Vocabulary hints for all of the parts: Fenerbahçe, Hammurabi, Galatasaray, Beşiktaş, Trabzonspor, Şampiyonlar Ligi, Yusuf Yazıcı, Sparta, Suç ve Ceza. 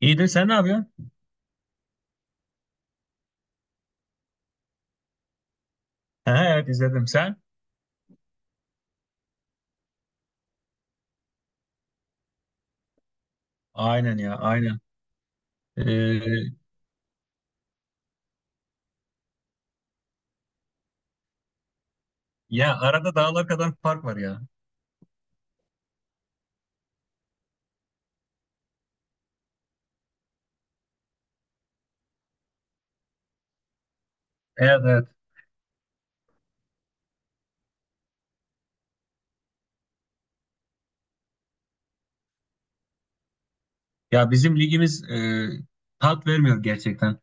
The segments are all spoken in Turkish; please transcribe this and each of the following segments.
İyidir sen ne yapıyorsun? He, evet izledim sen. Aynen ya aynen. Ee, Ya arada dağlar kadar fark var ya. Evet evet. Ya bizim ligimiz tat vermiyor gerçekten.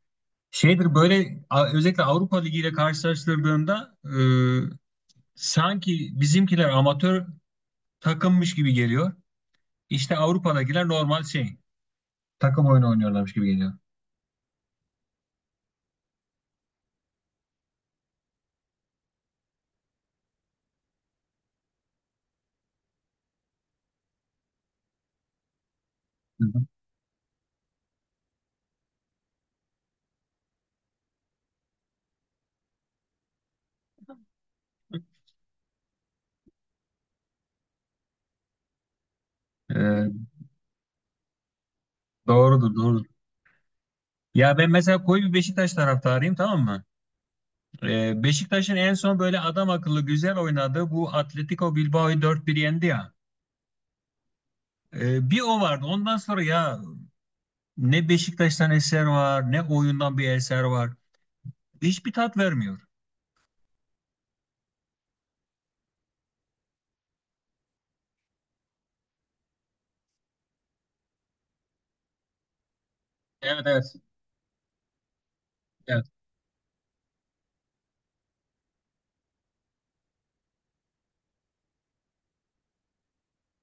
Şeydir böyle özellikle Avrupa Ligi ile karşılaştırdığında sanki bizimkiler amatör takımmış gibi geliyor. İşte Avrupa'dakiler normal şey takım oyunu oynuyorlarmış gibi geliyor. Hı hı. Ee, Doğrudur doğrudur. Ya ben mesela koyu bir Beşiktaş taraftarıyım, tamam mı? Beşiktaş'ın en son böyle adam akıllı güzel oynadığı bu Atletico Bilbao'yu dört 1 yendi ya. Bir o vardı. Ondan sonra ya ne Beşiktaş'tan eser var, ne oyundan bir eser var. Hiçbir tat vermiyor. Evet evet. Evet.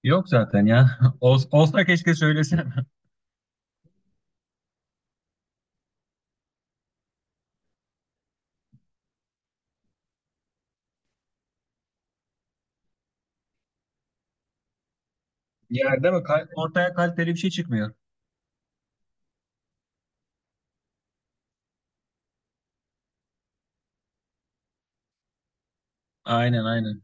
Yok zaten ya. Olsa keşke söylesem. Ya, değil mi? Ortaya kaliteli bir şey çıkmıyor. Aynen aynen.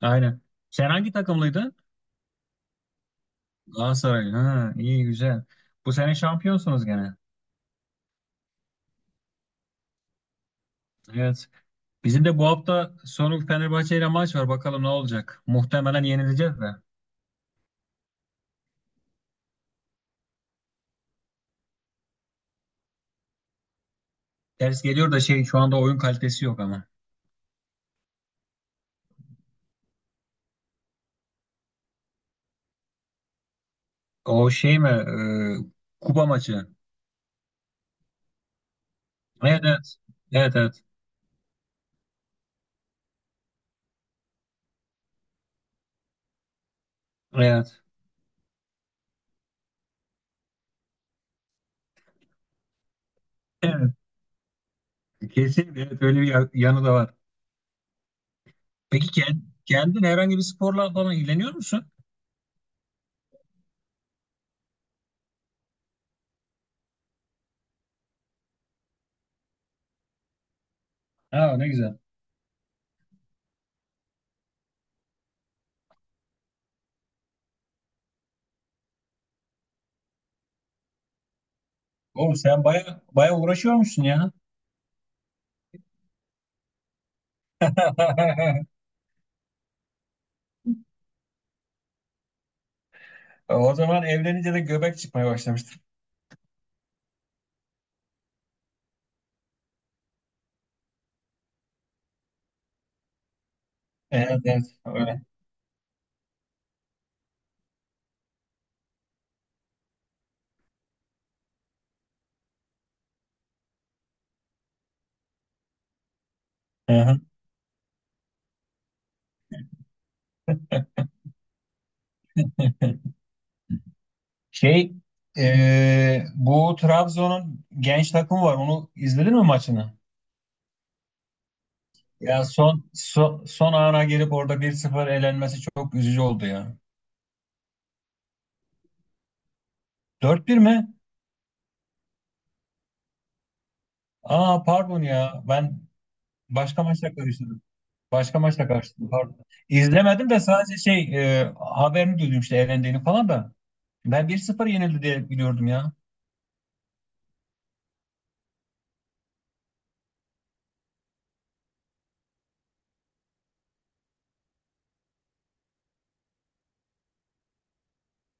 Aynen. Sen hangi takımlıydın? Galatasaray. Ha, iyi güzel. Bu sene şampiyonsunuz gene. Evet. Bizim de bu hafta sonu Fenerbahçe ile maç var. Bakalım ne olacak. Muhtemelen yenileceğiz de. Ters geliyor da şey şu anda oyun kalitesi yok ama. O şey mi? Kupa maçı. Evet evet. Evet evet. Evet. Evet. Kesin evet, öyle bir yanı da var. Peki kendin herhangi bir sporla falan ilgileniyor musun? Ha, ne güzel. Oğlum sen baya baya uğraşıyormuşsun ya. O zaman evlenince de göbek çıkmaya başlamıştır. Evet evet. Öyle. Şey bu Trabzon'un genç takımı var. Onu izledin mi maçını? Ya son son ana gelip orada 1-0 elenmesi çok üzücü oldu ya. 4-1 mi? Aa, pardon ya. Ben başka maçla karıştırdım. Başka maçla karıştırdım, pardon. İzlemedim de sadece şey haberini duydum işte elendiğini falan da. Ben 1-0 yenildi diye biliyordum ya.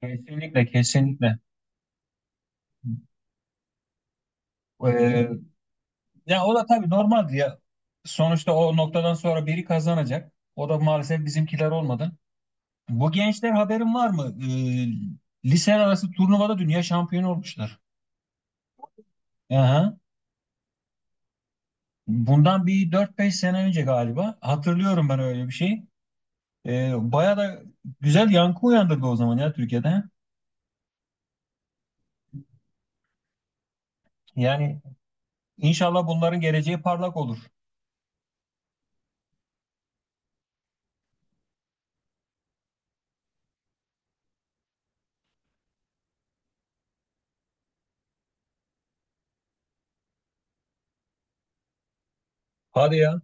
Kesinlikle kesinlikle. E, Ya o da tabii normaldi ya. Sonuçta o noktadan sonra biri kazanacak. O da maalesef bizimkiler olmadı. Bu gençler, haberin var mı? Lise arası turnuvada dünya şampiyonu olmuşlar. Aha. Bundan bir dört beş sene önce galiba. Hatırlıyorum ben öyle bir şey. Baya da güzel yankı uyandırdı o zaman ya Türkiye'de. Yani inşallah bunların geleceği parlak olur. Hadi ya.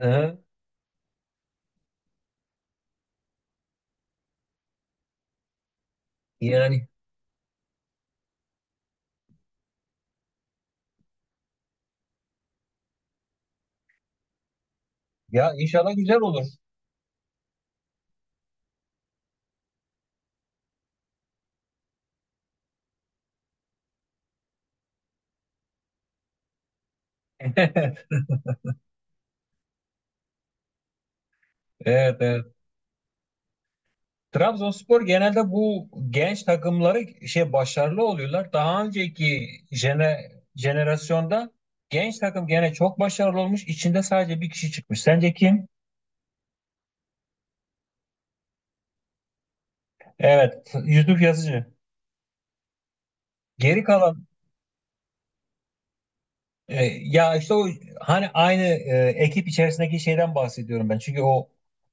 Aha. Yani ya, inşallah güzel olur. Evet, evet. Trabzonspor genelde bu genç takımları şey başarılı oluyorlar. Daha önceki jenerasyonda genç takım gene çok başarılı olmuş. İçinde sadece bir kişi çıkmış. Sence kim? Evet, Yusuf Yazıcı. Geri kalan ya işte o hani aynı ekip içerisindeki şeyden bahsediyorum ben. Çünkü o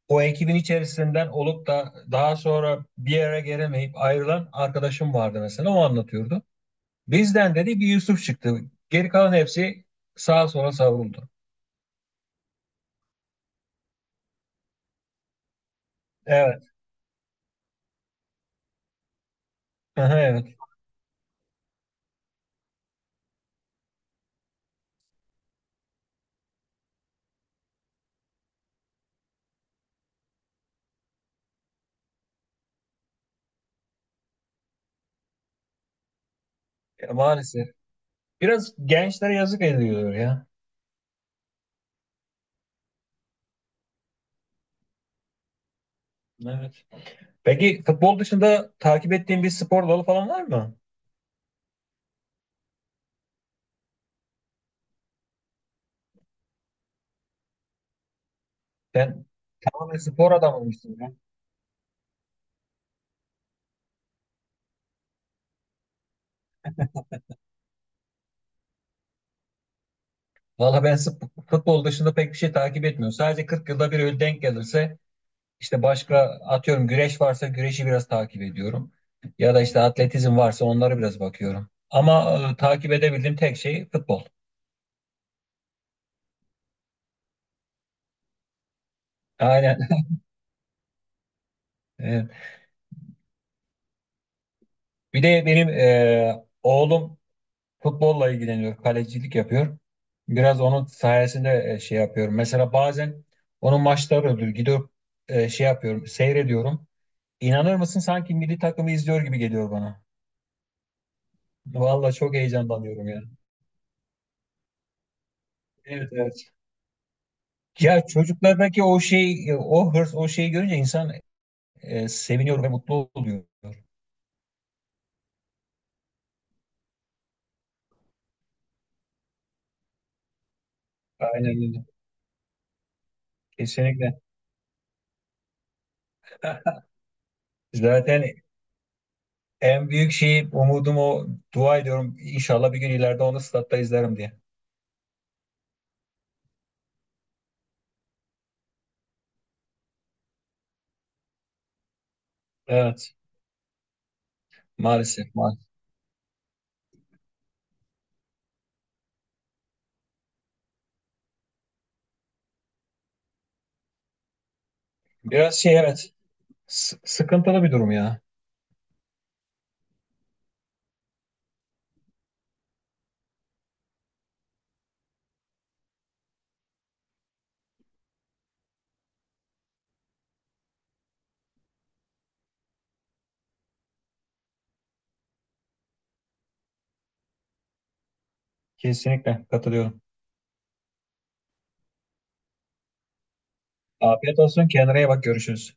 o ekibin içerisinden olup da daha sonra bir yere gelemeyip ayrılan arkadaşım vardı mesela. O anlatıyordu. Bizden dedi bir Yusuf çıktı. Geri kalan hepsi sağa sola savruldu. Evet. Aha, evet. Ya, maalesef. Biraz gençlere yazık ediliyor ya. Evet. Peki futbol dışında takip ettiğin bir spor dalı falan var mı? Sen tamamen spor adamıymışsın ya. Valla ben futbol dışında pek bir şey takip etmiyorum. Sadece 40 yılda bir öyle denk gelirse işte başka, atıyorum güreş varsa güreşi biraz takip ediyorum. Ya da işte atletizm varsa onlara biraz bakıyorum. Ama takip edebildiğim tek şey futbol. Aynen. Evet. Bir de benim oğlum futbolla ilgileniyor, kalecilik yapıyor. Biraz onun sayesinde şey yapıyorum. Mesela bazen onun maçları oluyor. Gidiyorum şey yapıyorum, seyrediyorum. İnanır mısın, sanki milli takımı izliyor gibi geliyor bana. Vallahi çok heyecanlanıyorum ya. Evet evet. Ya çocuklardaki o şey, o hırs, o şeyi görünce insan seviniyor ve mutlu oluyor. Aynen öyle. Kesinlikle. Zaten en büyük şeyi umudum o. Dua ediyorum, İnşallah bir gün ileride onu statta izlerim diye. Evet. Maalesef, maalesef. Biraz şey, evet. Sıkıntılı bir durum ya. Kesinlikle katılıyorum. Afiyet olsun. Kendine iyi bak. Görüşürüz.